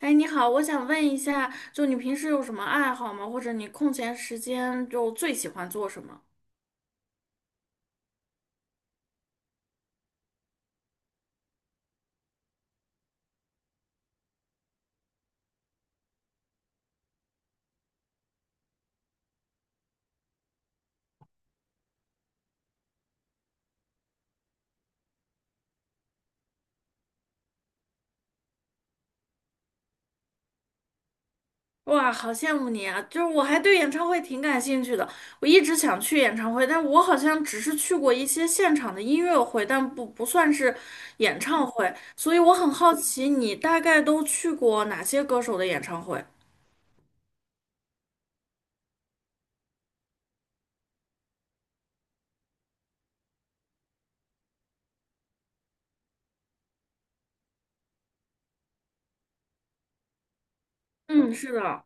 哎，你好，我想问一下，就你平时有什么爱好吗？或者你空闲时间就最喜欢做什么？哇，好羡慕你啊！就是我还对演唱会挺感兴趣的，我一直想去演唱会，但我好像只是去过一些现场的音乐会，但不算是演唱会，所以我很好奇你大概都去过哪些歌手的演唱会？嗯，是的。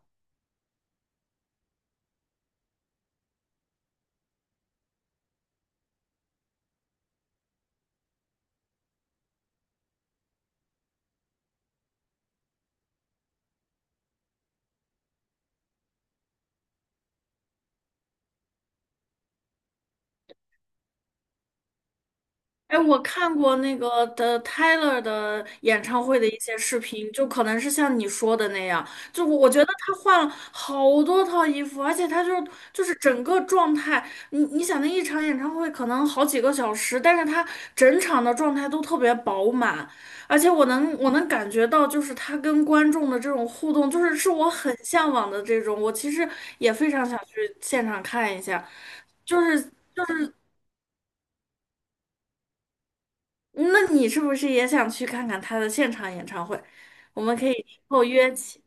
哎，我看过那个的 Tyler 的演唱会的一些视频，就可能是像你说的那样，就我觉得他换了好多套衣服，而且他就就是整个状态，你想那一场演唱会可能好几个小时，但是他整场的状态都特别饱满，而且我能感觉到，就是他跟观众的这种互动，就是是我很向往的这种，我其实也非常想去现场看一下。就是。那你是不是也想去看看他的现场演唱会？我们可以以后约起。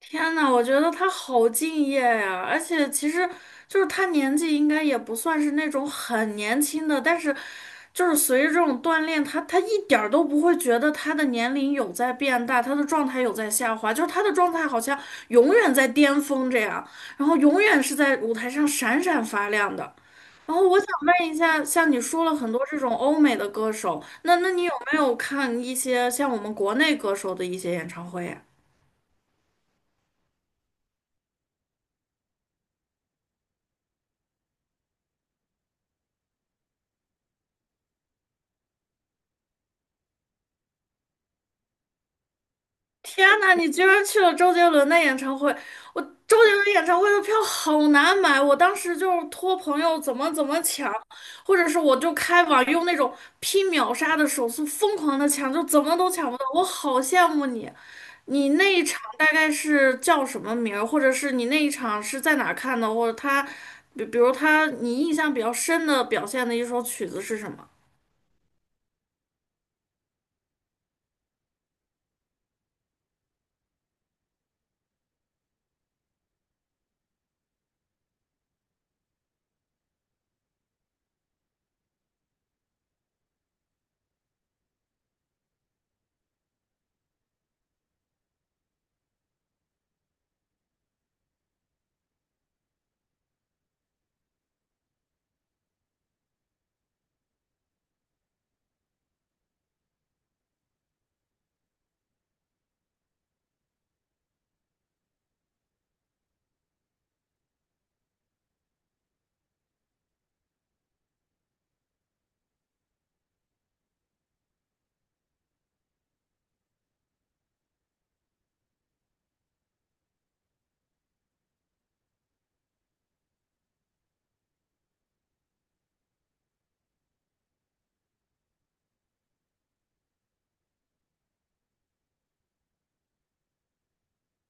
天呐，我觉得他好敬业呀，而且其实就是他年纪应该也不算是那种很年轻的，但是就是随着这种锻炼，他一点儿都不会觉得他的年龄有在变大，他的状态有在下滑，就是他的状态好像永远在巅峰这样，然后永远是在舞台上闪闪发亮的。然后我想问一下，像你说了很多这种欧美的歌手，那你有没有看一些像我们国内歌手的一些演唱会呀？天呐，你居然去了周杰伦的演唱会！我周杰伦演唱会的票好难买，我当时就是托朋友怎么怎么抢，或者是我就开网用那种拼秒杀的手速疯狂的抢，就怎么都抢不到。我好羡慕你，你那一场大概是叫什么名儿，或者是你那一场是在哪儿看的，或者他，比如他你印象比较深的表现的一首曲子是什么？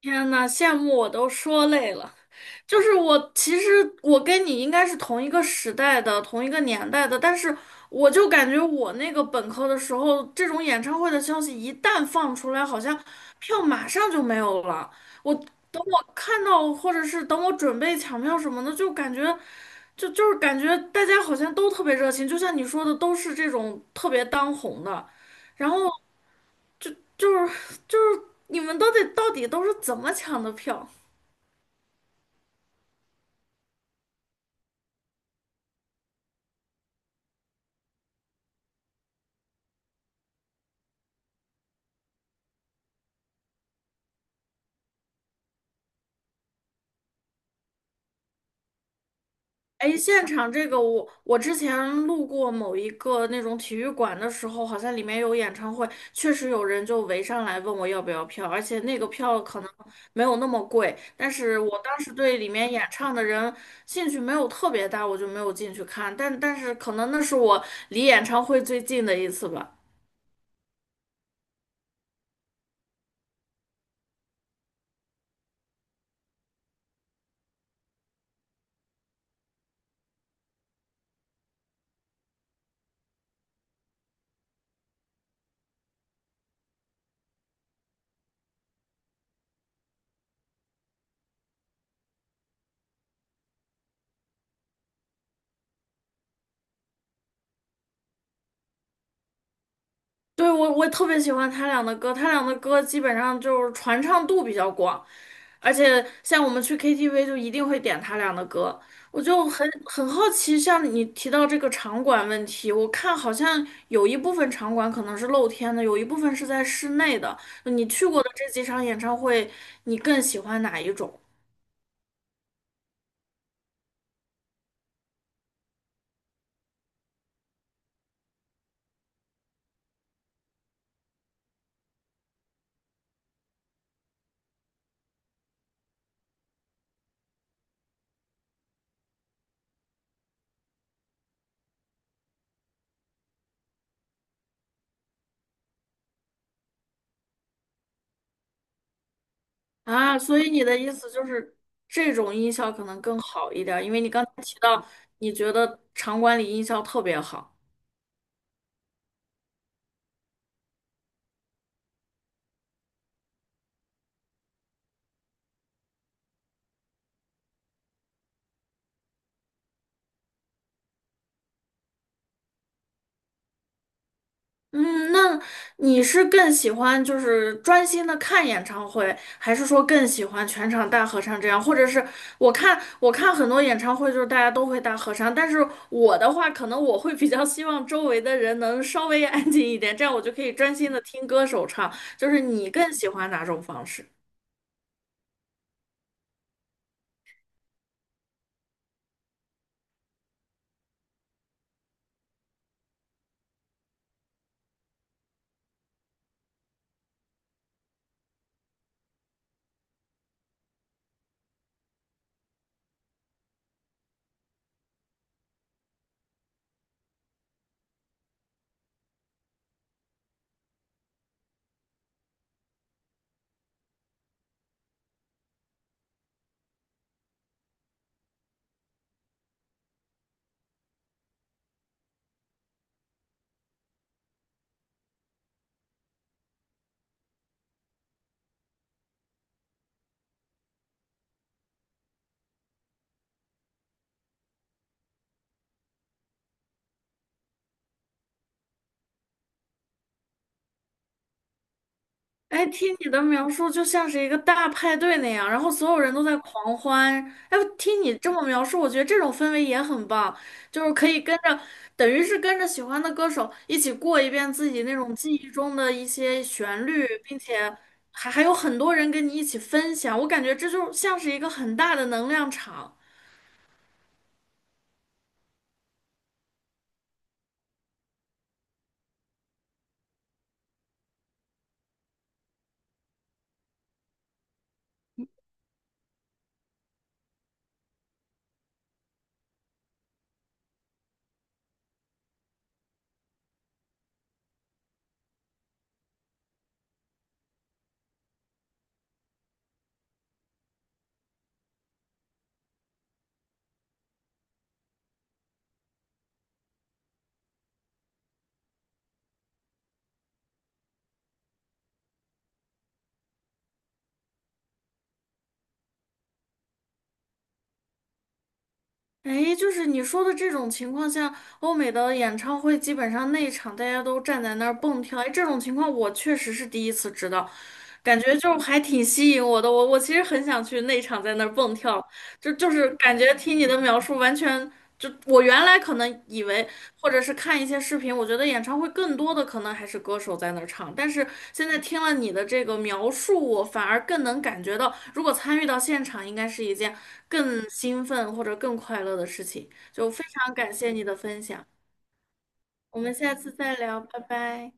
天呐，羡慕我都说累了。就是我，其实我跟你应该是同一个时代的、同一个年代的，但是我就感觉我那个本科的时候，这种演唱会的消息一旦放出来，好像票马上就没有了。我等我看到，或者是等我准备抢票什么的，就感觉，就是感觉大家好像都特别热情，就像你说的，都是这种特别当红的，然后。就就是你们到底都是怎么抢的票？哎，现场这个我之前路过某一个那种体育馆的时候，好像里面有演唱会，确实有人就围上来问我要不要票，而且那个票可能没有那么贵，但是我当时对里面演唱的人兴趣没有特别大，我就没有进去看，但是可能那是我离演唱会最近的一次吧。对，我特别喜欢他俩的歌，他俩的歌基本上就是传唱度比较广。而且像我们去 KTV 就一定会点他俩的歌，我就很好奇，像你提到这个场馆问题，我看好像有一部分场馆可能是露天的，有一部分是在室内的。你去过的这几场演唱会，你更喜欢哪一种啊？所以你的意思就是这种音效可能更好一点儿，因为你刚才提到你觉得场馆里音效特别好。嗯，那你是更喜欢就是专心的看演唱会，还是说更喜欢全场大合唱这样？或者是我看很多演唱会，就是大家都会大合唱，但是我的话，可能我会比较希望周围的人能稍微安静一点，这样我就可以专心的听歌手唱。就是你更喜欢哪种方式？哎，听你的描述就像是一个大派对那样，然后所有人都在狂欢。哎，听你这么描述，我觉得这种氛围也很棒，就是可以跟着，等于是跟着喜欢的歌手一起过一遍自己那种记忆中的一些旋律，并且还有很多人跟你一起分享。我感觉这就像是一个很大的能量场。哎，就是你说的这种情况下，欧美的演唱会基本上内场大家都站在那儿蹦跳，哎，这种情况我确实是第一次知道，感觉就还挺吸引我的。我其实很想去内场在那儿蹦跳。就是感觉听你的描述，完全就我原来可能以为，或者是看一些视频，我觉得演唱会更多的可能还是歌手在那儿唱，但是现在听了你的这个描述，我反而更能感觉到，如果参与到现场，应该是一件更兴奋或者更快乐的事情。就非常感谢你的分享，我们下次再聊，拜拜。